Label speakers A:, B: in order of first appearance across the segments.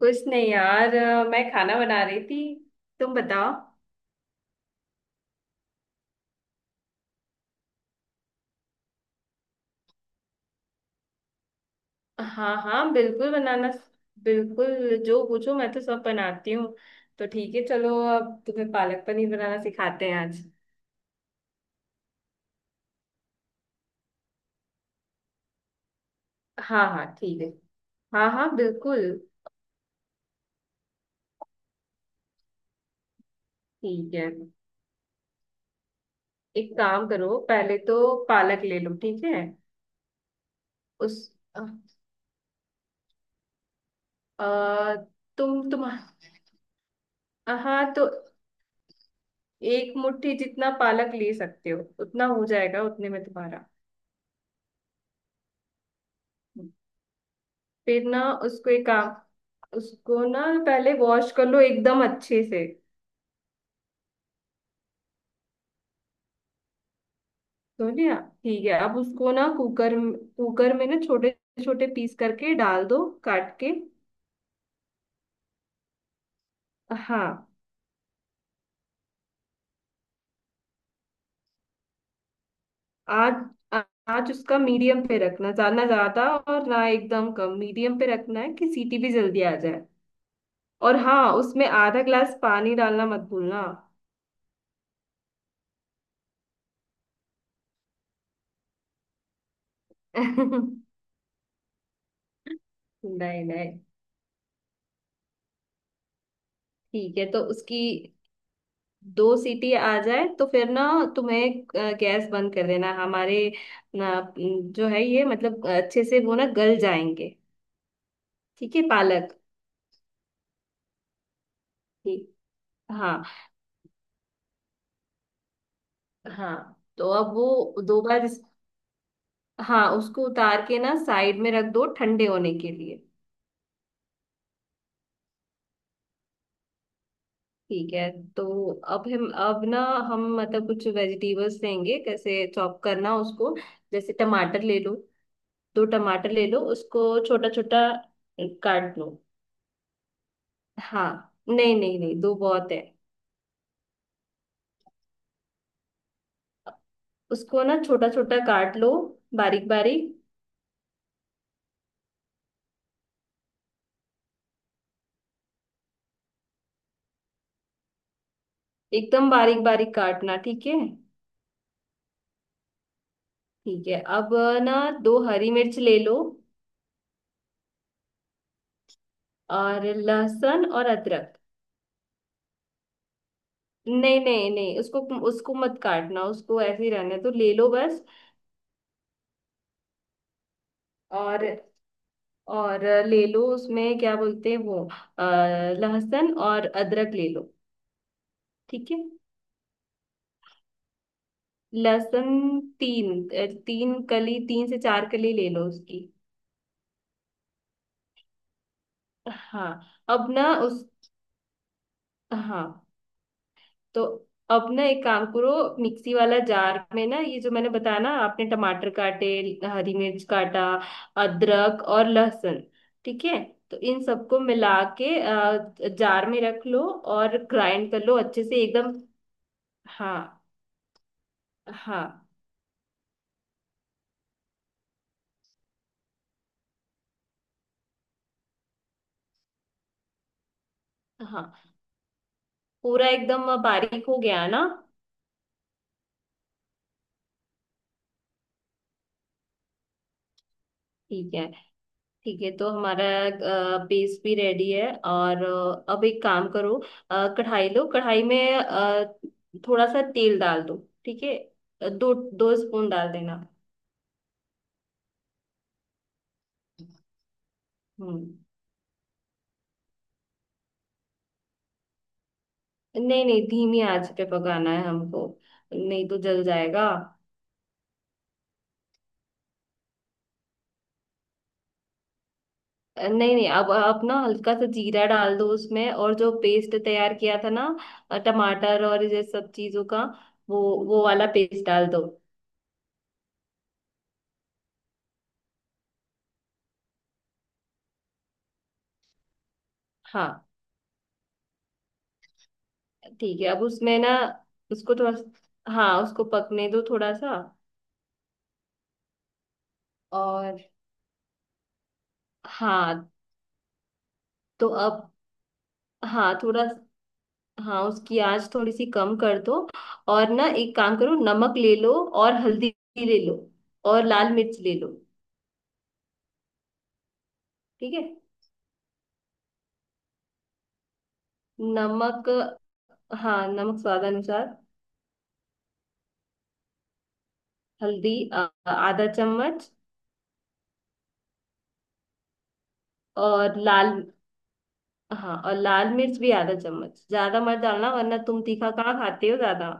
A: कुछ नहीं यार मैं खाना बना रही थी। तुम बताओ। हाँ हाँ, बिल्कुल बनाना। बिल्कुल, जो पूछो मैं तो सब बनाती हूँ। तो ठीक है, चलो अब तुम्हें पालक पनीर बनाना सिखाते हैं आज। हाँ हाँ ठीक है। हाँ हाँ बिल्कुल। ठीक है, एक काम करो। पहले तो पालक ले लो, ठीक है। उस अ, अ, तुम हाँ तो, एक मुट्ठी जितना पालक ले सकते हो, उतना हो जाएगा, उतने में तुम्हारा। फिर ना उसको एक काम, उसको ना पहले वॉश कर लो एकदम अच्छे से। तो लिया, ठीक है। अब उसको ना कुकर कुकर में ना छोटे छोटे पीस करके डाल दो, काट के। हाँ। आज आज उसका मीडियम पे रखना, ज्यादा ना ज्यादा और ना एकदम कम, मीडियम पे रखना है कि सीटी भी जल्दी आ जाए। और हाँ, उसमें आधा गिलास पानी डालना मत भूलना। नहीं नहीं। ठीक है, तो उसकी दो सीटी आ जाए तो फिर ना तुम्हें गैस बंद कर देना। जो है, ये मतलब अच्छे से वो ना गल जाएंगे। ठीक है पालक। ठीक। हाँ हाँ, तो अब वो दो बार हाँ, उसको उतार के ना साइड में रख दो ठंडे होने के लिए। ठीक है। तो अब हम अब ना हम मतलब कुछ वेजिटेबल्स लेंगे, कैसे चॉप करना उसको। जैसे टमाटर ले लो, दो टमाटर ले लो उसको, छोटा छोटा काट लो। हाँ, नहीं नहीं नहीं, दो बहुत है। उसको ना छोटा छोटा काट लो, बारीक बारीक। एकदम बारीक बारीक काटना, ठीक है। ठीक है, अब ना दो हरी मिर्च ले लो, और लहसुन और अदरक। नहीं नहीं नहीं, उसको उसको मत काटना, उसको ऐसे ही रहने तो ले लो बस। और और ले लो उसमें क्या बोलते हैं अ, लहसुन और अदरक ले लो। ठीक है, लहसुन तीन कली, तीन से चार कली ले लो उसकी। हाँ। अब ना उस, हाँ। तो अब ना एक काम करो, मिक्सी वाला जार में ना ये जो मैंने बताया ना, आपने टमाटर काटे, हरी मिर्च काटा, अदरक और लहसुन, ठीक है। तो इन सबको मिला के जार में रख लो और ग्राइंड कर लो अच्छे से एकदम। हाँ हाँ हाँ, पूरा एकदम बारीक हो गया ना। ठीक है, ठीक है। तो हमारा पेस्ट भी रेडी है, और अब एक काम करो, कढ़ाई लो। कढ़ाई में थोड़ा सा तेल डाल दो, ठीक है। अ, दो दो स्पून डाल देना। हम्म। नहीं नहीं, धीमी आंच पे पकाना है हमको, नहीं तो जल जाएगा। नहीं नहीं, अब ना हल्का सा जीरा डाल दो उसमें, और जो पेस्ट तैयार किया था ना, टमाटर और ये सब चीजों का, वो वो वाला पेस्ट डाल दो। हाँ ठीक है, अब उसमें ना उसको थोड़ा, हाँ उसको पकने दो थोड़ा सा। और, हाँ तो अब, हाँ थोड़ा, हाँ उसकी आंच थोड़ी सी कम कर दो। और ना एक काम करो, नमक ले लो और हल्दी ले लो और लाल मिर्च ले लो। ठीक है। नमक, हाँ नमक स्वाद अनुसार। हल्दी आधा चम्मच। और लाल, हाँ और लाल मिर्च भी आधा चम्मच, ज्यादा मत डालना, वरना तुम तीखा कहाँ खाते हो ज्यादा।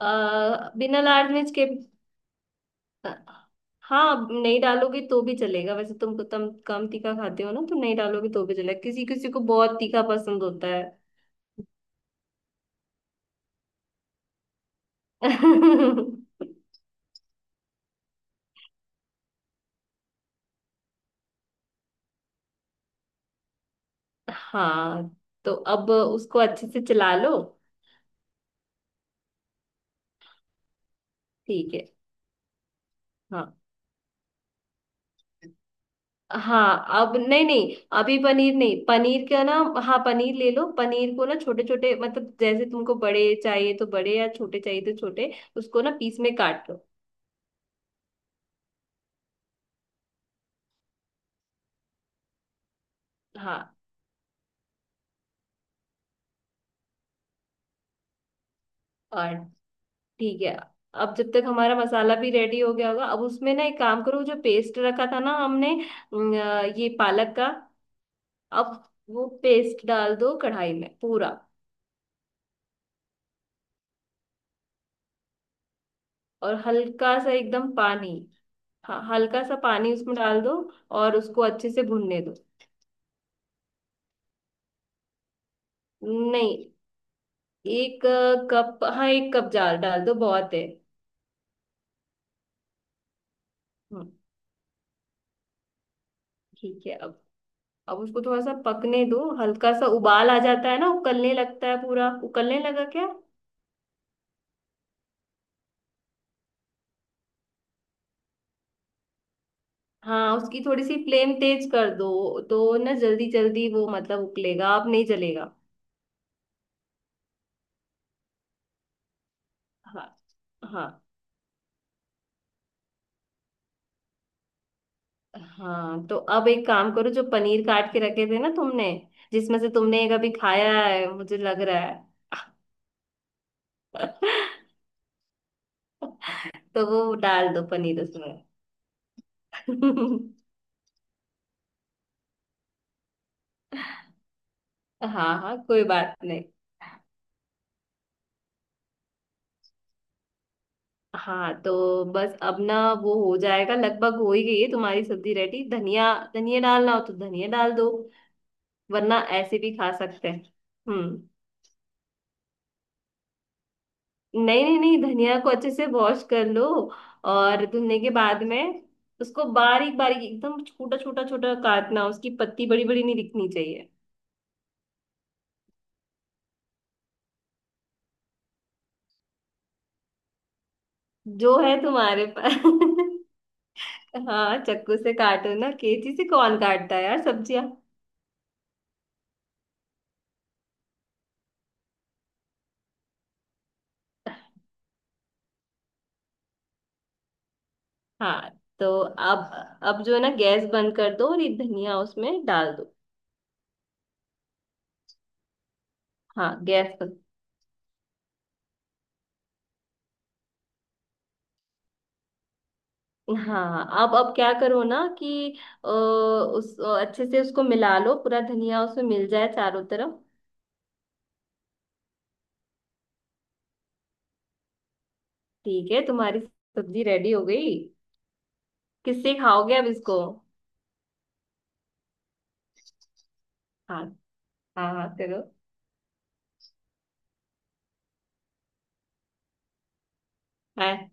A: अ, बिना लाल मिर्च के, हाँ। हाँ, नहीं डालोगे तो भी चलेगा, वैसे तुम कम तीखा खाते हो ना, तो नहीं डालोगे तो भी चलेगा। किसी किसी को बहुत तीखा पसंद होता है। हाँ, तो अब उसको अच्छे से चला लो। ठीक है। हाँ, हाँ अब, नहीं नहीं, अभी पनीर नहीं, पनीर का ना। हाँ पनीर ले लो, पनीर को ना छोटे छोटे, मतलब जैसे तुमको बड़े चाहिए तो बड़े, या छोटे चाहिए तो छोटे, उसको ना पीस में काट लो। हाँ। और, ठीक है। अब जब तक हमारा मसाला भी रेडी हो गया होगा, अब उसमें ना एक काम करो, जो पेस्ट रखा था ना हमने, अम, ये पालक का, अब वो पेस्ट डाल दो कढ़ाई में पूरा। और हल्का सा एकदम पानी, हाँ हल्का सा पानी उसमें डाल दो, और उसको अच्छे से भुनने दो। नहीं, एक कप, हाँ एक कप जाल डाल दो, बहुत है। हम्म, ठीक है। अब उसको थोड़ा सा पकने दो, हल्का सा उबाल आ जाता है ना, उकलने लगता है, पूरा उकलने लगा क्या। हाँ, उसकी थोड़ी सी फ्लेम तेज कर दो तो ना जल्दी जल्दी वो मतलब उबलेगा, अब नहीं जलेगा। हाँ। हाँ। हाँ तो अब एक काम करो, जो पनीर काट के रखे थे ना तुमने, जिसमें से तुमने कभी खाया है मुझे लग रहा है, तो वो डाल दो पनीर उसमें। हाँ हाँ, कोई बात नहीं। हाँ तो बस अब ना, वो हो जाएगा, लगभग हो ही गई है तुम्हारी सब्जी रेडी। धनिया, धनिया डालना हो तो धनिया डाल दो, वरना ऐसे भी खा सकते हैं। हम्म। नहीं नहीं नहीं, धनिया को अच्छे से वॉश कर लो, और धुलने के बाद में उसको बारीक बारीक एकदम छोटा छोटा छोटा काटना, उसकी पत्ती बड़ी बड़ी नहीं दिखनी चाहिए। जो है तुम्हारे पास। हाँ, चक्कू से काटो ना, कैंची से कौन काटता है यार सब्जियां। हाँ तो अब जो है ना गैस बंद कर दो, और ये धनिया उसमें डाल दो। हाँ गैस बंद। हाँ, अब क्या करो ना कि अ, उस अच्छे से उसको मिला लो, पूरा धनिया उसमें मिल जाए चारों तरफ। ठीक है, तुम्हारी सब्जी रेडी हो गई। किससे खाओगे अब इसको। हाँ हाँ हाँ करो। है,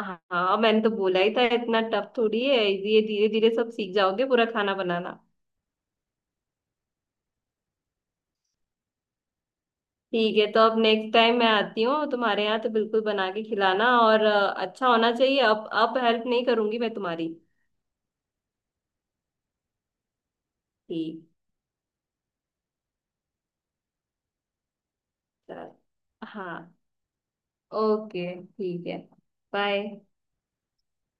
A: हाँ हाँ, मैंने तो बोला ही था, इतना टफ थोड़ी है ये, धीरे धीरे सब सीख जाओगे पूरा खाना बनाना। ठीक है, तो अब नेक्स्ट टाइम मैं आती हूँ तुम्हारे यहाँ, तो बिल्कुल बना के खिलाना, और अच्छा होना चाहिए। अब हेल्प नहीं करूंगी मैं तुम्हारी। ठीक है। हाँ, ओके ठीक है। बाय।